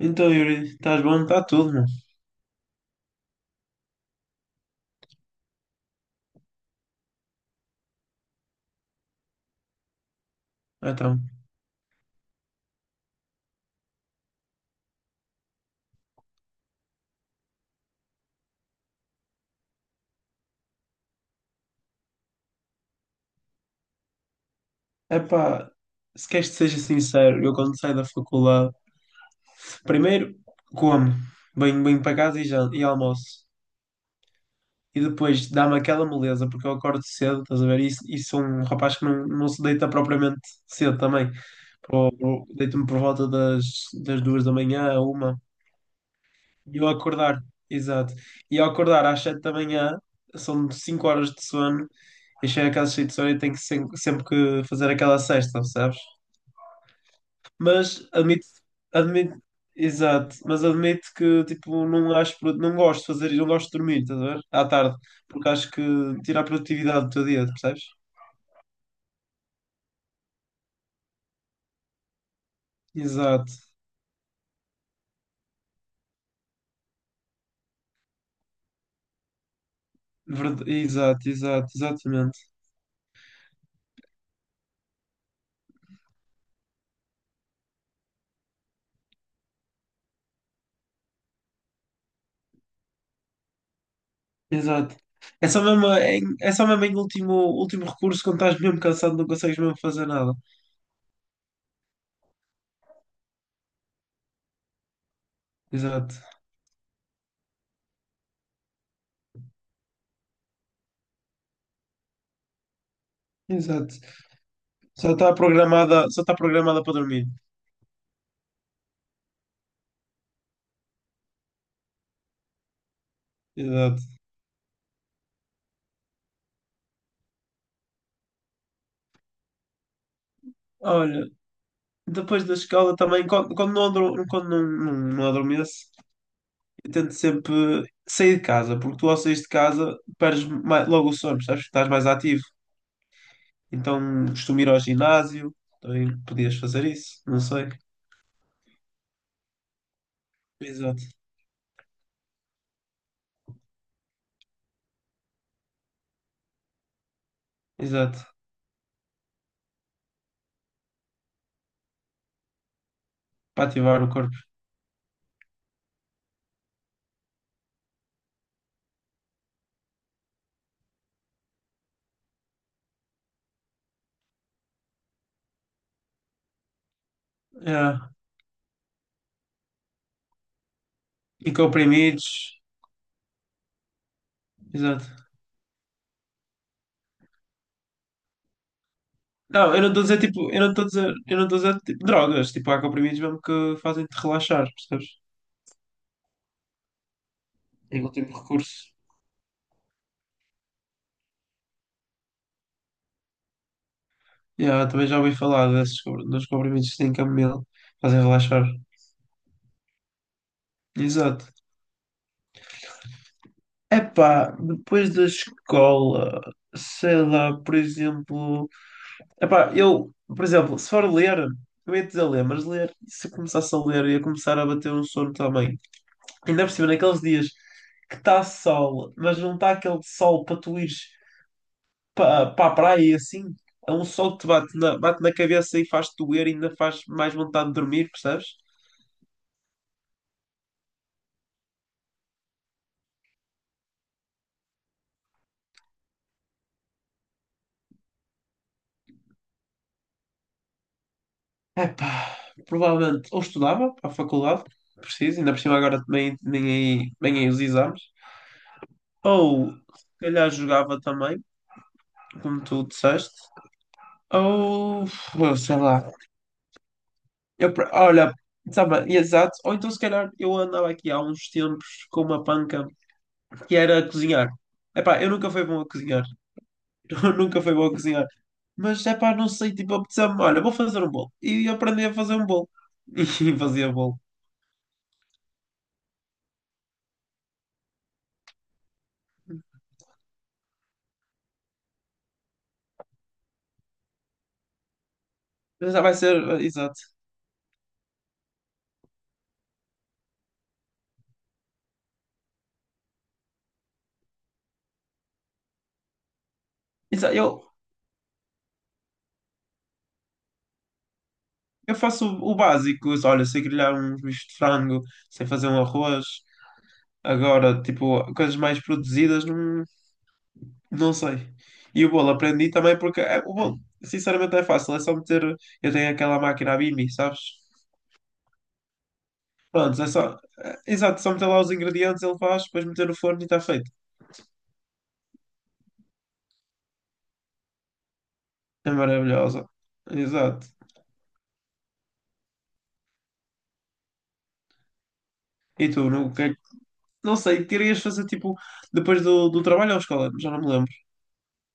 Então, Yuri, estás bom? Está tudo, mano. Então, epá, se queres que seja sincero, eu quando saio da faculdade, primeiro como, venho para casa e, já, e almoço. E depois dá-me aquela moleza, porque eu acordo cedo, estás a ver? E sou um rapaz que não se deita propriamente cedo também. Deito-me por volta das 2h da manhã, a uma. E eu acordar, exato. E eu acordar às 7 da manhã, são 5 horas de sono, eu chego a casa cheio de sono e tenho que sempre, que fazer aquela cesta, sabes? Mas admito, admito, exato, mas admito que tipo, não acho, não gosto de fazer, não gosto de dormir, estás a ver? À tarde, porque acho que tira a produtividade do teu dia, percebes? Exato. Exato, exato, exatamente. Exato. É só mesmo em último recurso, quando estás mesmo cansado, não consegues mesmo fazer nada. Exato. Exato. Só está programada para dormir. Exato. Olha, depois da escola também, quando não, não adormeço, eu tento sempre sair de casa, porque tu ao sair de casa perdes logo o sono, sabes? Estás mais ativo. Então costumo ir ao ginásio, também podias fazer isso, não sei. Exato. Exato. Para ativar o corpo. É. E comprimidos, exato. Não, eu não estou a dizer tipo, drogas, tipo, há comprimidos mesmo que fazem-te relaxar, percebes? Em último recurso. Yeah, também já ouvi falar dos comprimidos que têm camomila, fazem relaxar. Exato. Epá, depois da escola, sei lá, por exemplo. Epá, eu, por exemplo, se for ler, eu ia dizer ler, mas ler, se eu começasse a ler, ia começar a bater um sono também. Ainda por cima, naqueles dias que está sol, mas não está aquele sol para tu ires para pa a praia e assim. É um sol que te bate na cabeça e faz-te doer e ainda faz mais vontade de dormir, percebes? Epá, provavelmente ou estudava para a faculdade, preciso, ainda por cima agora também nem aí os exames, ou se calhar jogava também, como tu disseste, ou sei lá. Olha, sabe, exato. Ou então, se calhar, eu andava aqui há uns tempos com uma panca que era cozinhar. Epá, eu nunca fui bom a cozinhar. Eu nunca fui bom a cozinhar. Mas, epá, não sei, tipo, apeteceu-me, olha, vou fazer um bolo. E aprendi a fazer um bolo. E fazia bolo. Mas já vai ser, exato. Exa- Eu, Eu faço o básico, olha, sei grelhar uns bichos de frango, sei fazer um arroz. Agora, tipo, coisas mais produzidas, não sei. E o bolo aprendi também porque é, o bolo, sinceramente, é fácil. É só meter. Eu tenho aquela máquina a Bimby, sabes? Pronto, é só. Exato, só meter lá os ingredientes, ele faz, depois meter no forno e está feito. É maravilhosa. Exato. E tu, não sei, querias fazer tipo depois do trabalho ou escola? Já não me lembro.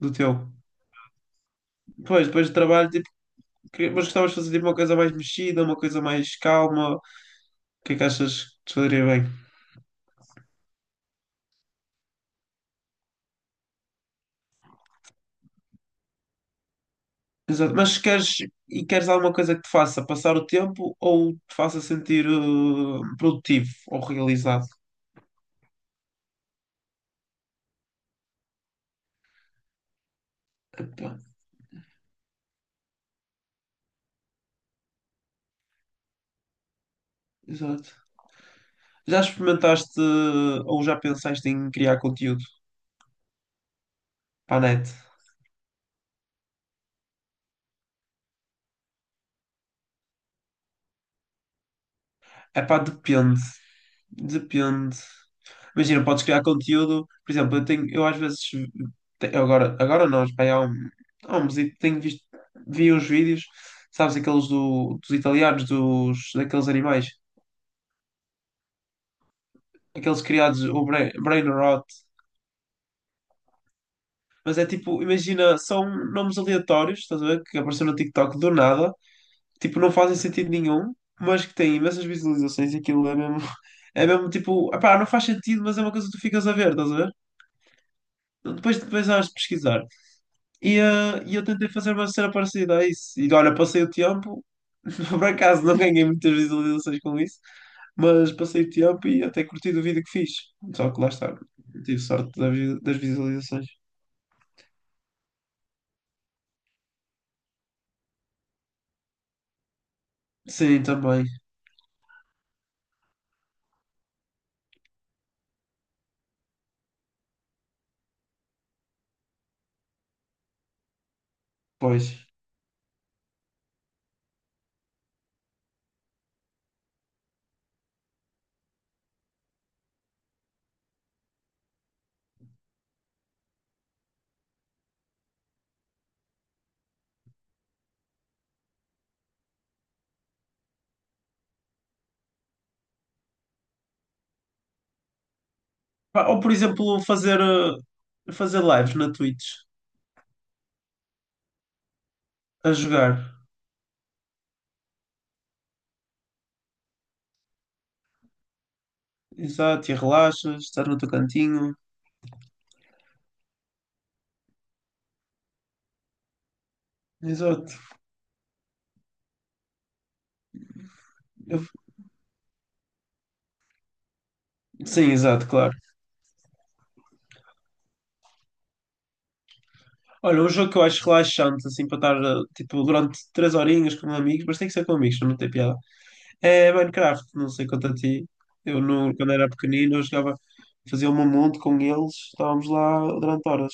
Do teu. Pois, depois do trabalho. Mas gostavas de fazer tipo, uma coisa mais mexida, uma coisa mais calma? O que é que achas que te faria bem? Exato. E queres alguma coisa que te faça passar o tempo ou te faça sentir produtivo ou realizado? Epá, exato. Já experimentaste ou já pensaste em criar conteúdo para a net? Epá, depende. Depende. Imagina, podes criar conteúdo. Por exemplo, eu tenho, eu às vezes agora, nós, pá, há um mesito, vi uns vídeos, sabes, aqueles dos italianos, daqueles animais, aqueles criados, o brain rot. Mas é tipo, imagina, são nomes aleatórios, estás a ver? Que apareceram no TikTok do nada, tipo, não fazem sentido nenhum, mas que têm imensas visualizações e aquilo é mesmo, é mesmo tipo, pá, não faz sentido, mas é uma coisa que tu ficas a ver, estás a ver? Depois hás de pesquisar. E eu tentei fazer uma cena parecida a isso. E olha, passei o tempo, por acaso não ganhei muitas visualizações com isso, mas passei o tempo e até curti do vídeo que fiz. Só que lá está, tive sorte das visualizações. Sim, também, pois. Pá, ou por exemplo, fazer lives na Twitch, a jogar. Exato, e relaxas, estás no teu cantinho. Exato. Eu- Sim, exato, claro. Olha, um jogo que eu acho relaxante, assim, para estar, tipo, durante 3 horinhas com amigos, mas tem que ser com amigos, senão não tem piada. É Minecraft, não sei quanto a ti. Eu, no, Quando era pequenino, eu jogava, fazia um monte com eles, estávamos lá durante horas.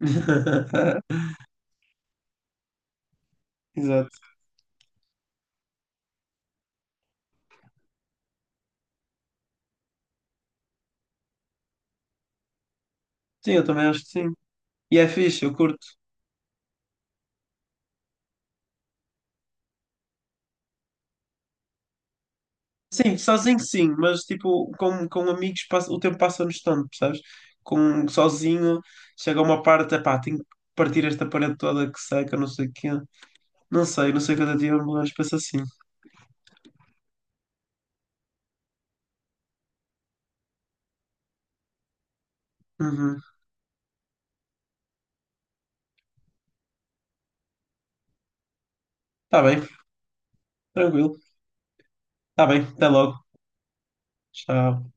Exato. Sim, eu também acho que sim. E é fixe, eu curto. Sim, sozinho sim, mas tipo, com amigos o tempo passa-nos tanto, percebes? Sozinho chega a uma parte, epá, tenho que partir esta parede toda que seca, não sei o quê. Não sei quanto a ti, mas penso assim. Uhum. Tá bem, tranquilo. Tá bem, até logo. Tchau.